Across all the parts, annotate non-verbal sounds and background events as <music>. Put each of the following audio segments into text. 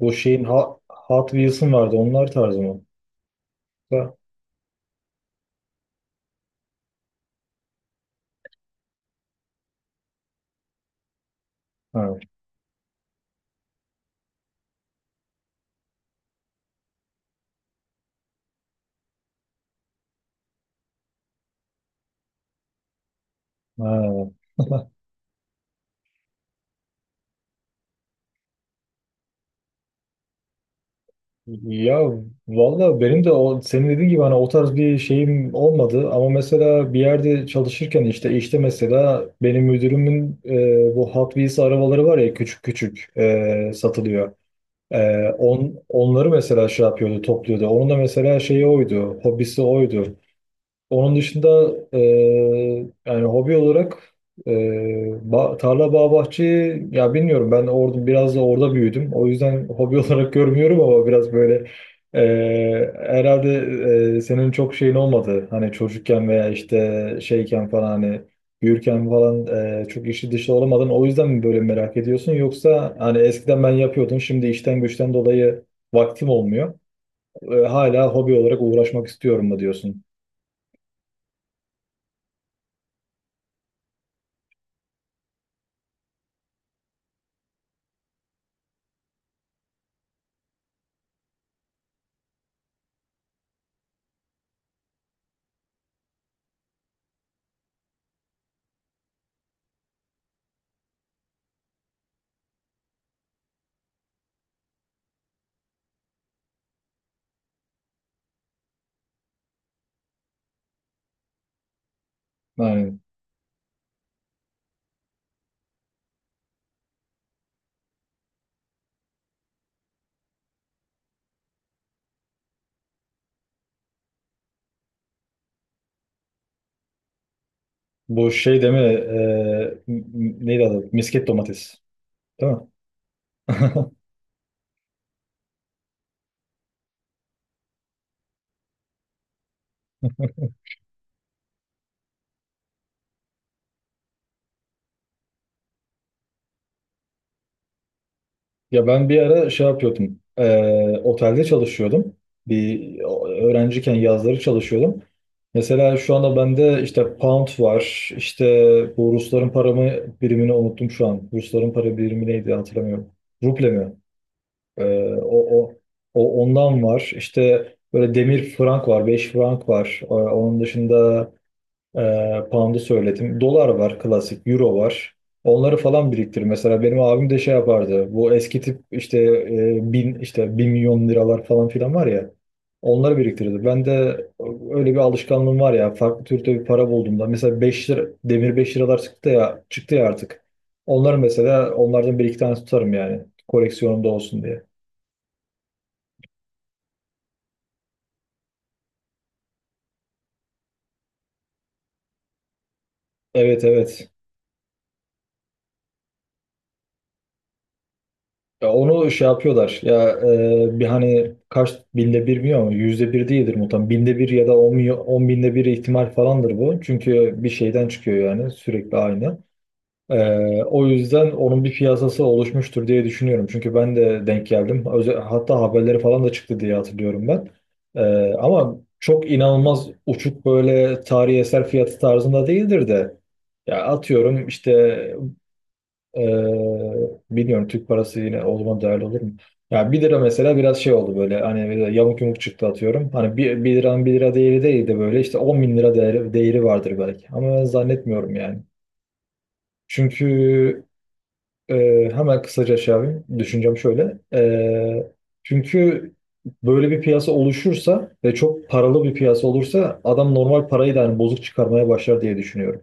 Bu şeyin Hot Wheels'ın vardı. Onlar tarzı mı? Ha. Ha. Ha. Ya valla benim de senin dediğin gibi hani o tarz bir şeyim olmadı, ama mesela bir yerde çalışırken işte mesela benim müdürümün bu Hot Wheels arabaları var ya, küçük küçük satılıyor. Onları mesela şey yapıyordu, topluyordu. Onun da mesela şeyi oydu, hobisi oydu. Onun dışında yani hobi olarak e, tarla, bağ, bahçe, ya bilmiyorum, ben orada biraz da orada büyüdüm. O yüzden hobi <laughs> olarak görmüyorum, ama biraz böyle herhalde senin çok şeyin olmadı. Hani çocukken veya işte şeyken falan, hani büyürken falan, çok işi dışı olamadın. O yüzden mi böyle merak ediyorsun, yoksa hani eskiden ben yapıyordum, şimdi işten güçten dolayı vaktim olmuyor, hala hobi olarak uğraşmak istiyorum mu diyorsun? Yani bu şey değil mi? Neydi adı? Misket domates. Değil mi? <laughs> Ya ben bir ara şey yapıyordum. Otelde çalışıyordum. Bir öğrenciyken yazları çalışıyordum. Mesela şu anda bende işte pound var. İşte bu Rusların paramı birimini unuttum şu an. Rusların para birimi neydi, hatırlamıyorum. Ruble mi? O, o, o Ondan var. İşte böyle demir frank var, 5 frank var. Onun dışında, pound'u söyledim. Dolar var klasik, euro var. Onları falan biriktir. Mesela benim abim de şey yapardı. Bu eski tip, işte bin, işte bir milyon liralar falan filan var ya. Onları biriktirirdi. Ben de öyle bir alışkanlığım var ya. Farklı türde bir para bulduğumda. Mesela 5 lira, demir 5 liralar çıktı ya, çıktı ya artık. Onları mesela, onlardan bir iki tane tutarım yani. Koleksiyonumda olsun diye. Evet, evet. Ya onu şey yapıyorlar ya, bir hani kaç binde bir bilmiyor, ama yüzde bir değildir muhtemelen, binde bir ya da on binde bir ihtimal falandır bu, çünkü bir şeyden çıkıyor yani sürekli aynı. O yüzden onun bir piyasası oluşmuştur diye düşünüyorum, çünkü ben de denk geldim. Hatta haberleri falan da çıktı diye hatırlıyorum ben. Ama çok inanılmaz uçuk, böyle tarihi eser fiyatı tarzında değildir de, ya atıyorum işte, ee, bilmiyorum, Türk parası yine o zaman değerli olur mu? Ya bir lira mesela biraz şey oldu böyle, hani böyle yamuk yumuk çıktı atıyorum. Hani bir liranın bir lira değeri değil de böyle işte 10.000 lira değeri vardır belki. Ama ben zannetmiyorum yani. Çünkü hemen kısaca şey yapayım. Düşüncem şöyle. Çünkü böyle bir piyasa oluşursa ve çok paralı bir piyasa olursa, adam normal parayı da hani bozuk çıkarmaya başlar diye düşünüyorum.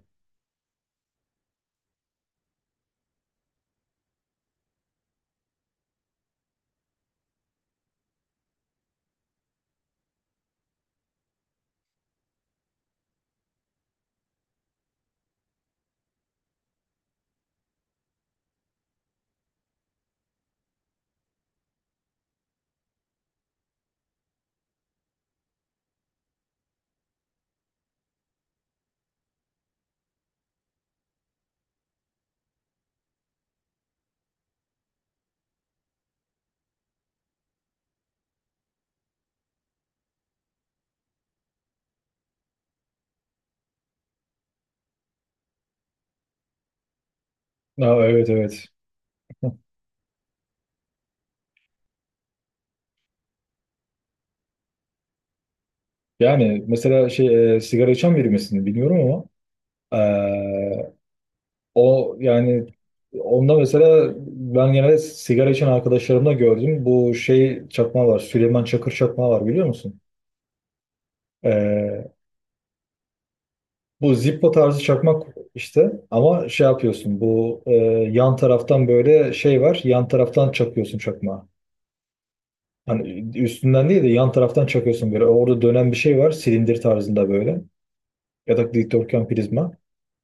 Ha, evet, evet. Yani mesela şey, sigara içen biri misin bilmiyorum, ama Ee, o yani onda mesela ben genelde sigara içen arkadaşlarımda gördüm. Bu şey çakma var. Süleyman Çakır çakma var, biliyor musun? Ee, Bu Zippo tarzı çakmak işte, ama şey yapıyorsun, bu yan taraftan böyle şey var, yan taraftan çakıyorsun çakmağı. Hani üstünden değil de yan taraftan çakıyorsun, böyle orada dönen bir şey var silindir tarzında böyle, ya da dikdörtgen prizma.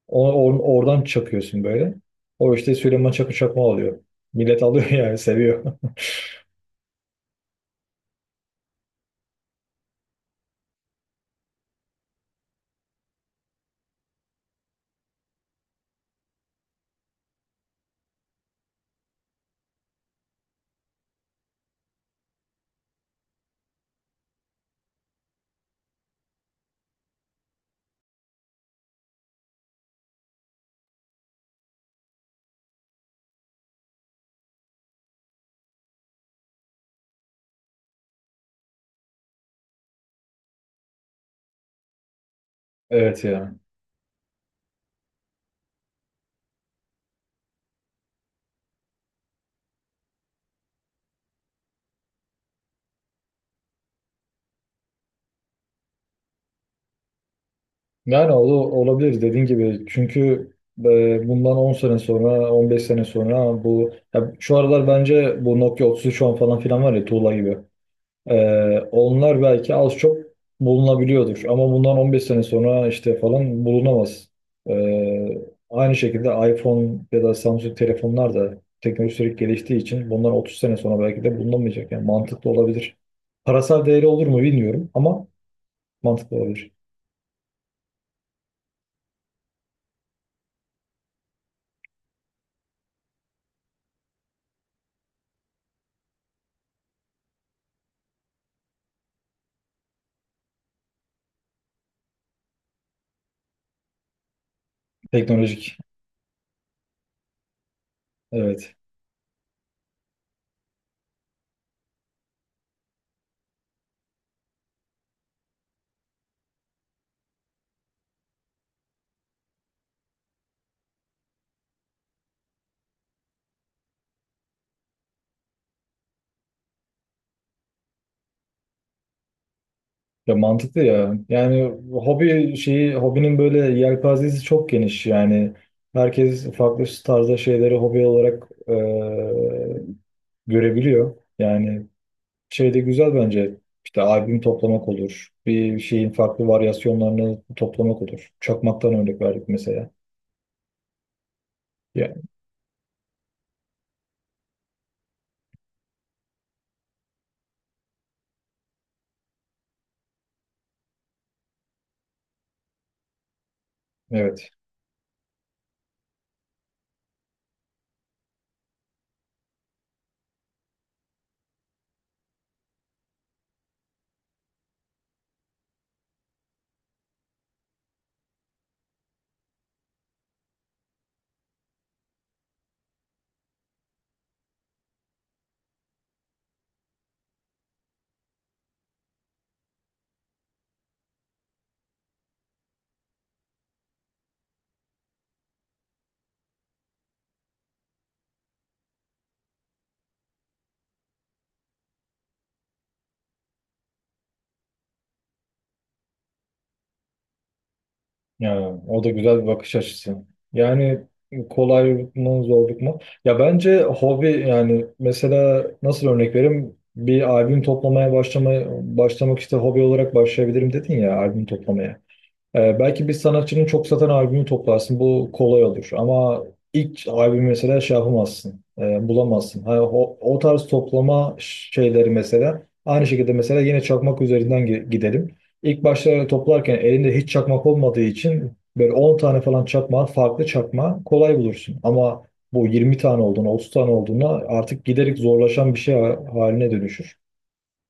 Oradan çakıyorsun böyle. O işte Süleyman Çakı çakma alıyor. Millet alıyor <laughs> yani seviyor. Evet ya. Yani o olabilir dediğin gibi. Çünkü bundan 10 sene sonra, 15 sene sonra, bu ya şu aralar bence bu Nokia 3310 falan filan var ya, tuğla gibi. Onlar belki az çok bulunabiliyordur, ama bundan 15 sene sonra işte falan bulunamaz. Ee, Aynı şekilde iPhone ya da Samsung telefonlar da teknoloji sürekli geliştiği için bundan 30 sene sonra belki de bulunamayacak. Yani mantıklı olabilir. Parasal değeri olur mu bilmiyorum, ama mantıklı olabilir. Teknolojik. Evet. Ya, mantıklı ya. Yani hobinin böyle yelpazesi çok geniş. Yani herkes farklı tarzda şeyleri hobi olarak görebiliyor. Yani şey de güzel bence. İşte albüm toplamak olur. Bir şeyin farklı varyasyonlarını toplamak olur. Çakmaktan örnek verdik mesela. Ya, evet. Ya o da güzel bir bakış açısı. Yani kolaylık mı, zorluk mu? Ya bence hobi yani mesela nasıl örnek vereyim? Bir albüm toplamaya başlamaya başlamak işte hobi olarak başlayabilirim dedin ya, albüm toplamaya. Belki bir sanatçının çok satan albümü toplarsın. Bu kolay olur. Ama ilk albüm mesela şey yapamazsın, bulamazsın. Ha, o tarz toplama şeyleri mesela. Aynı şekilde mesela yine çakmak üzerinden gidelim. İlk başta toplarken elinde hiç çakmak olmadığı için böyle 10 tane falan çakma, farklı çakma kolay bulursun. Ama bu 20 tane olduğuna, 30 tane olduğuna, artık giderek zorlaşan bir şey haline dönüşür.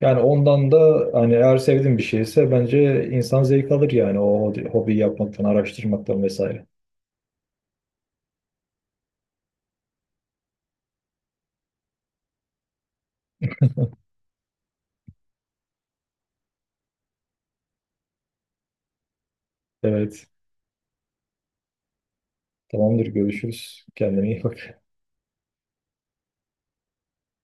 Yani ondan da hani eğer sevdiğin bir şeyse bence insan zevk alır, yani o hobiyi yapmaktan, araştırmaktan vesaire. Evet. Tamamdır, görüşürüz. Kendine iyi bak.